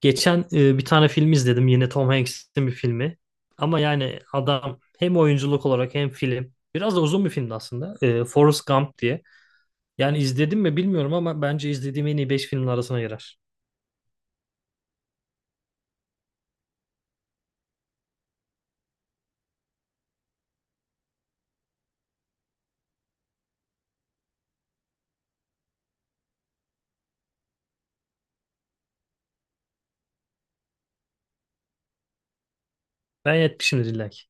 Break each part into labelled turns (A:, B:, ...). A: Geçen bir tane film izledim. Yine Tom Hanks'in bir filmi. Ama yani adam hem oyunculuk olarak hem film. Biraz da uzun bir filmdi aslında. Forrest Gump diye. Yani izledim mi bilmiyorum ama bence izlediğim en iyi 5 filmin arasına girer. Ben yetmişimdir illa ki.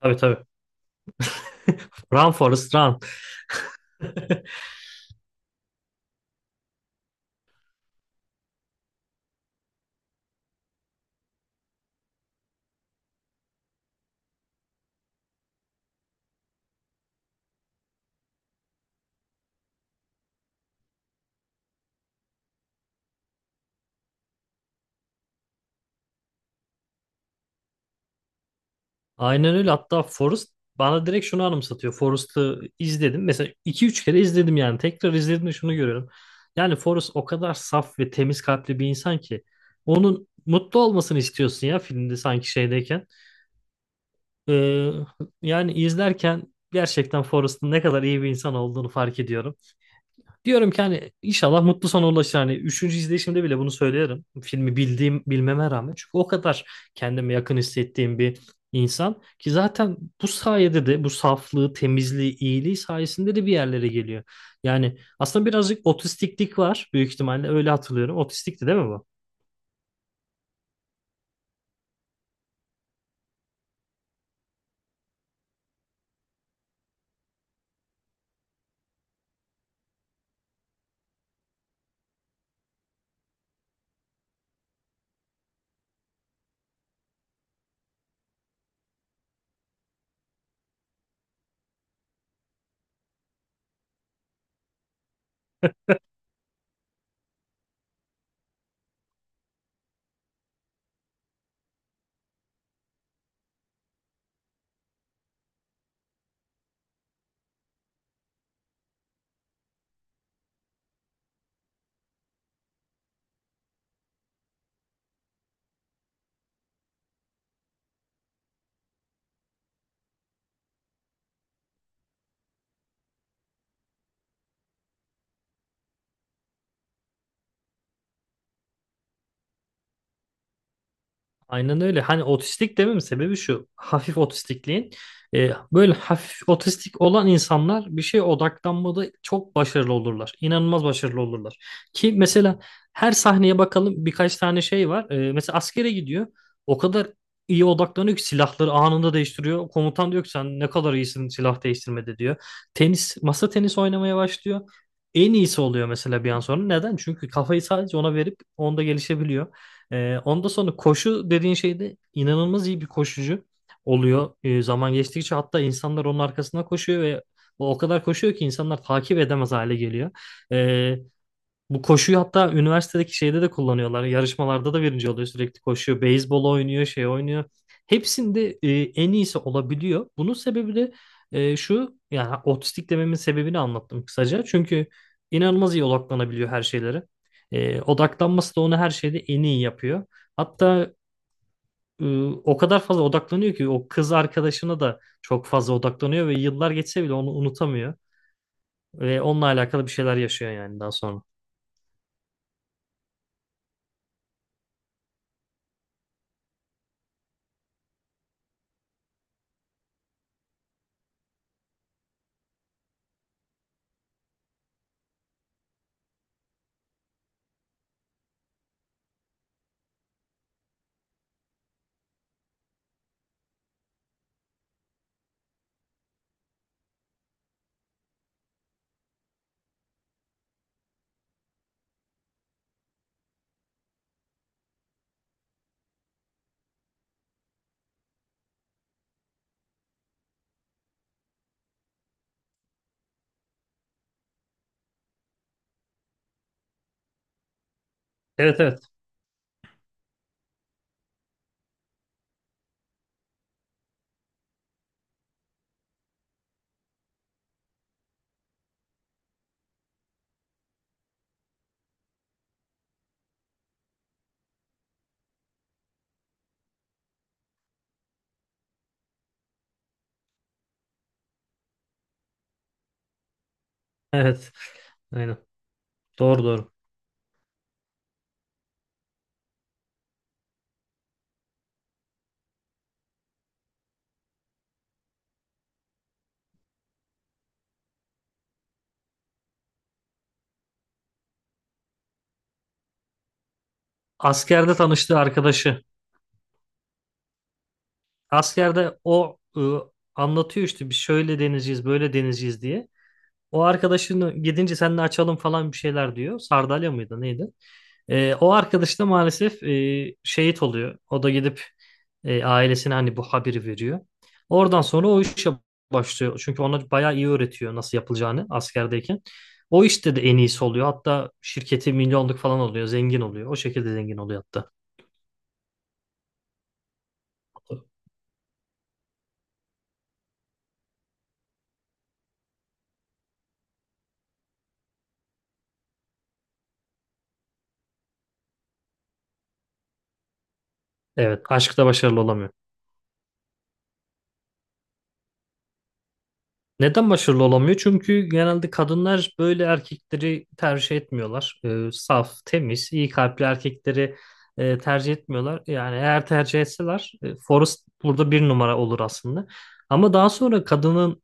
A: Tabii tabii. Run Forrest Run. Aynen öyle. Hatta Forrest bana direkt şunu anımsatıyor. Forrest'ı izledim. Mesela iki üç kere izledim yani. Tekrar izledim izlediğimde şunu görüyorum. Yani Forrest o kadar saf ve temiz kalpli bir insan ki. Onun mutlu olmasını istiyorsun ya filmde sanki şeydeyken. Ee, yani izlerken gerçekten Forrest'ın ne kadar iyi bir insan olduğunu fark ediyorum. Diyorum ki hani inşallah mutlu sona ulaşır. Hani üçüncü izleyişimde bile bunu söylerim. Filmi bildiğim bilmeme rağmen. Çünkü o kadar kendime yakın hissettiğim bir insan ki zaten bu sayede de bu saflığı, temizliği, iyiliği sayesinde de bir yerlere geliyor. Yani aslında birazcık otistiklik var büyük ihtimalle öyle hatırlıyorum. Otistikti değil mi bu? Aynen öyle. Hani otistik dememin sebebi şu. Hafif otistikliğin. Böyle hafif otistik olan insanlar bir şeye odaklanmada çok başarılı olurlar. İnanılmaz başarılı olurlar. Ki mesela her sahneye bakalım birkaç tane şey var. Mesela askere gidiyor. O kadar iyi odaklanıyor ki silahları anında değiştiriyor. Komutan diyor ki sen ne kadar iyisin silah değiştirmede diyor. Tenis, masa tenisi oynamaya başlıyor. En iyisi oluyor mesela bir an sonra. Neden? Çünkü kafayı sadece ona verip onda gelişebiliyor. Onda sonra koşu dediğin şeyde inanılmaz iyi bir koşucu oluyor. Zaman geçtikçe hatta insanlar onun arkasına koşuyor ve o kadar koşuyor ki insanlar takip edemez hale geliyor. Ee, bu koşuyu hatta üniversitedeki şeyde de kullanıyorlar. Yarışmalarda da birinci oluyor sürekli koşuyor. Beyzbol oynuyor, şey oynuyor. Hepsinde en iyisi olabiliyor. Bunun sebebi de şu yani otistik dememin sebebini anlattım kısaca. Çünkü inanılmaz iyi odaklanabiliyor her şeylere. Odaklanması da onu her şeyde en iyi yapıyor. Hatta o kadar fazla odaklanıyor ki o kız arkadaşına da çok fazla odaklanıyor ve yıllar geçse bile onu unutamıyor. Ve onunla alakalı bir şeyler yaşıyor yani daha sonra. Evet evet. Evet. Aynen. Doğru doğru. Askerde tanıştığı arkadaşı. Askerde o anlatıyor işte biz şöyle denizciyiz, böyle denizciyiz diye. O arkadaşını gidince seninle açalım falan bir şeyler diyor. Sardalya mıydı neydi? O arkadaş da maalesef şehit oluyor. O da gidip ailesine hani bu haberi veriyor. Oradan sonra o işe başlıyor. Çünkü ona bayağı iyi öğretiyor nasıl yapılacağını askerdeyken. O işte de en iyisi oluyor. Hatta şirketi milyonluk falan oluyor. Zengin oluyor. O şekilde zengin oluyor hatta. Evet. Aşkta başarılı olamıyor. Neden başarılı olamıyor? Çünkü genelde kadınlar böyle erkekleri tercih etmiyorlar. Saf, temiz, iyi kalpli erkekleri tercih etmiyorlar. Yani eğer tercih etseler Forrest burada bir numara olur aslında. Ama daha sonra kadının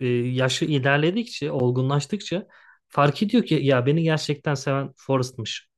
A: yaşı ilerledikçe, olgunlaştıkça fark ediyor ki ya beni gerçekten seven Forrest'mış.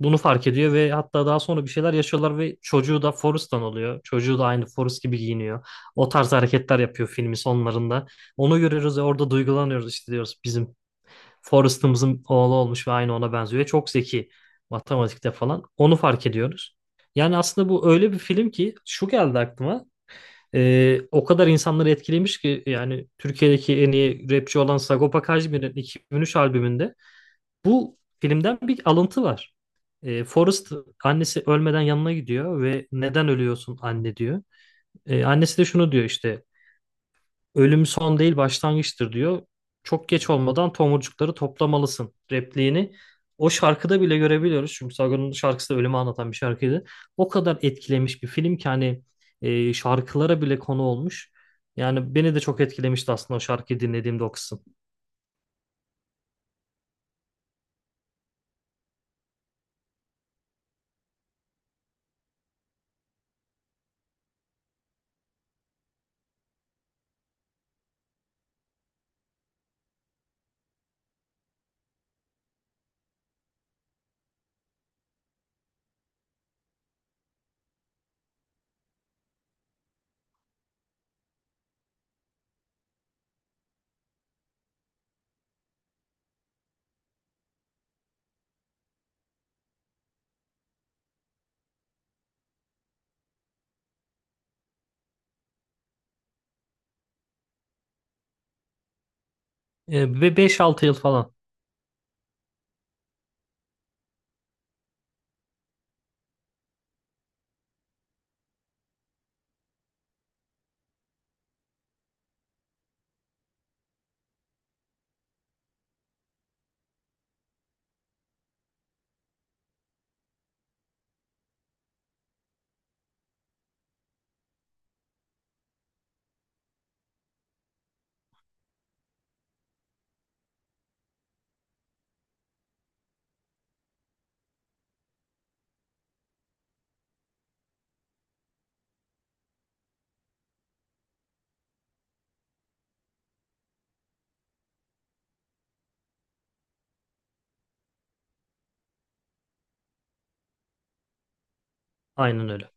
A: Bunu fark ediyor ve hatta daha sonra bir şeyler yaşıyorlar ve çocuğu da Forrest'tan oluyor. Çocuğu da aynı Forrest gibi giyiniyor. O tarz hareketler yapıyor filmin sonlarında. Onu görüyoruz ve orada duygulanıyoruz işte diyoruz bizim Forrest'ımızın oğlu olmuş ve aynı ona benziyor. Ve çok zeki matematikte falan. Onu fark ediyoruz. Yani aslında bu öyle bir film ki şu geldi aklıma. O kadar insanları etkilemiş ki yani Türkiye'deki en iyi rapçi olan Sagopa Kajmer'in 2003 albümünde bu filmden bir alıntı var. Forrest annesi ölmeden yanına gidiyor ve neden ölüyorsun anne diyor. Annesi de şunu diyor işte ölüm son değil başlangıçtır diyor. Çok geç olmadan tomurcukları toplamalısın repliğini. O şarkıda bile görebiliyoruz. Çünkü Sagan'ın şarkısı da ölümü anlatan bir şarkıydı. O kadar etkilemiş bir film ki hani şarkılara bile konu olmuş. Yani beni de çok etkilemişti aslında o şarkıyı dinlediğimde o kısım. Ve beş altı yıl falan. Aynen öyle.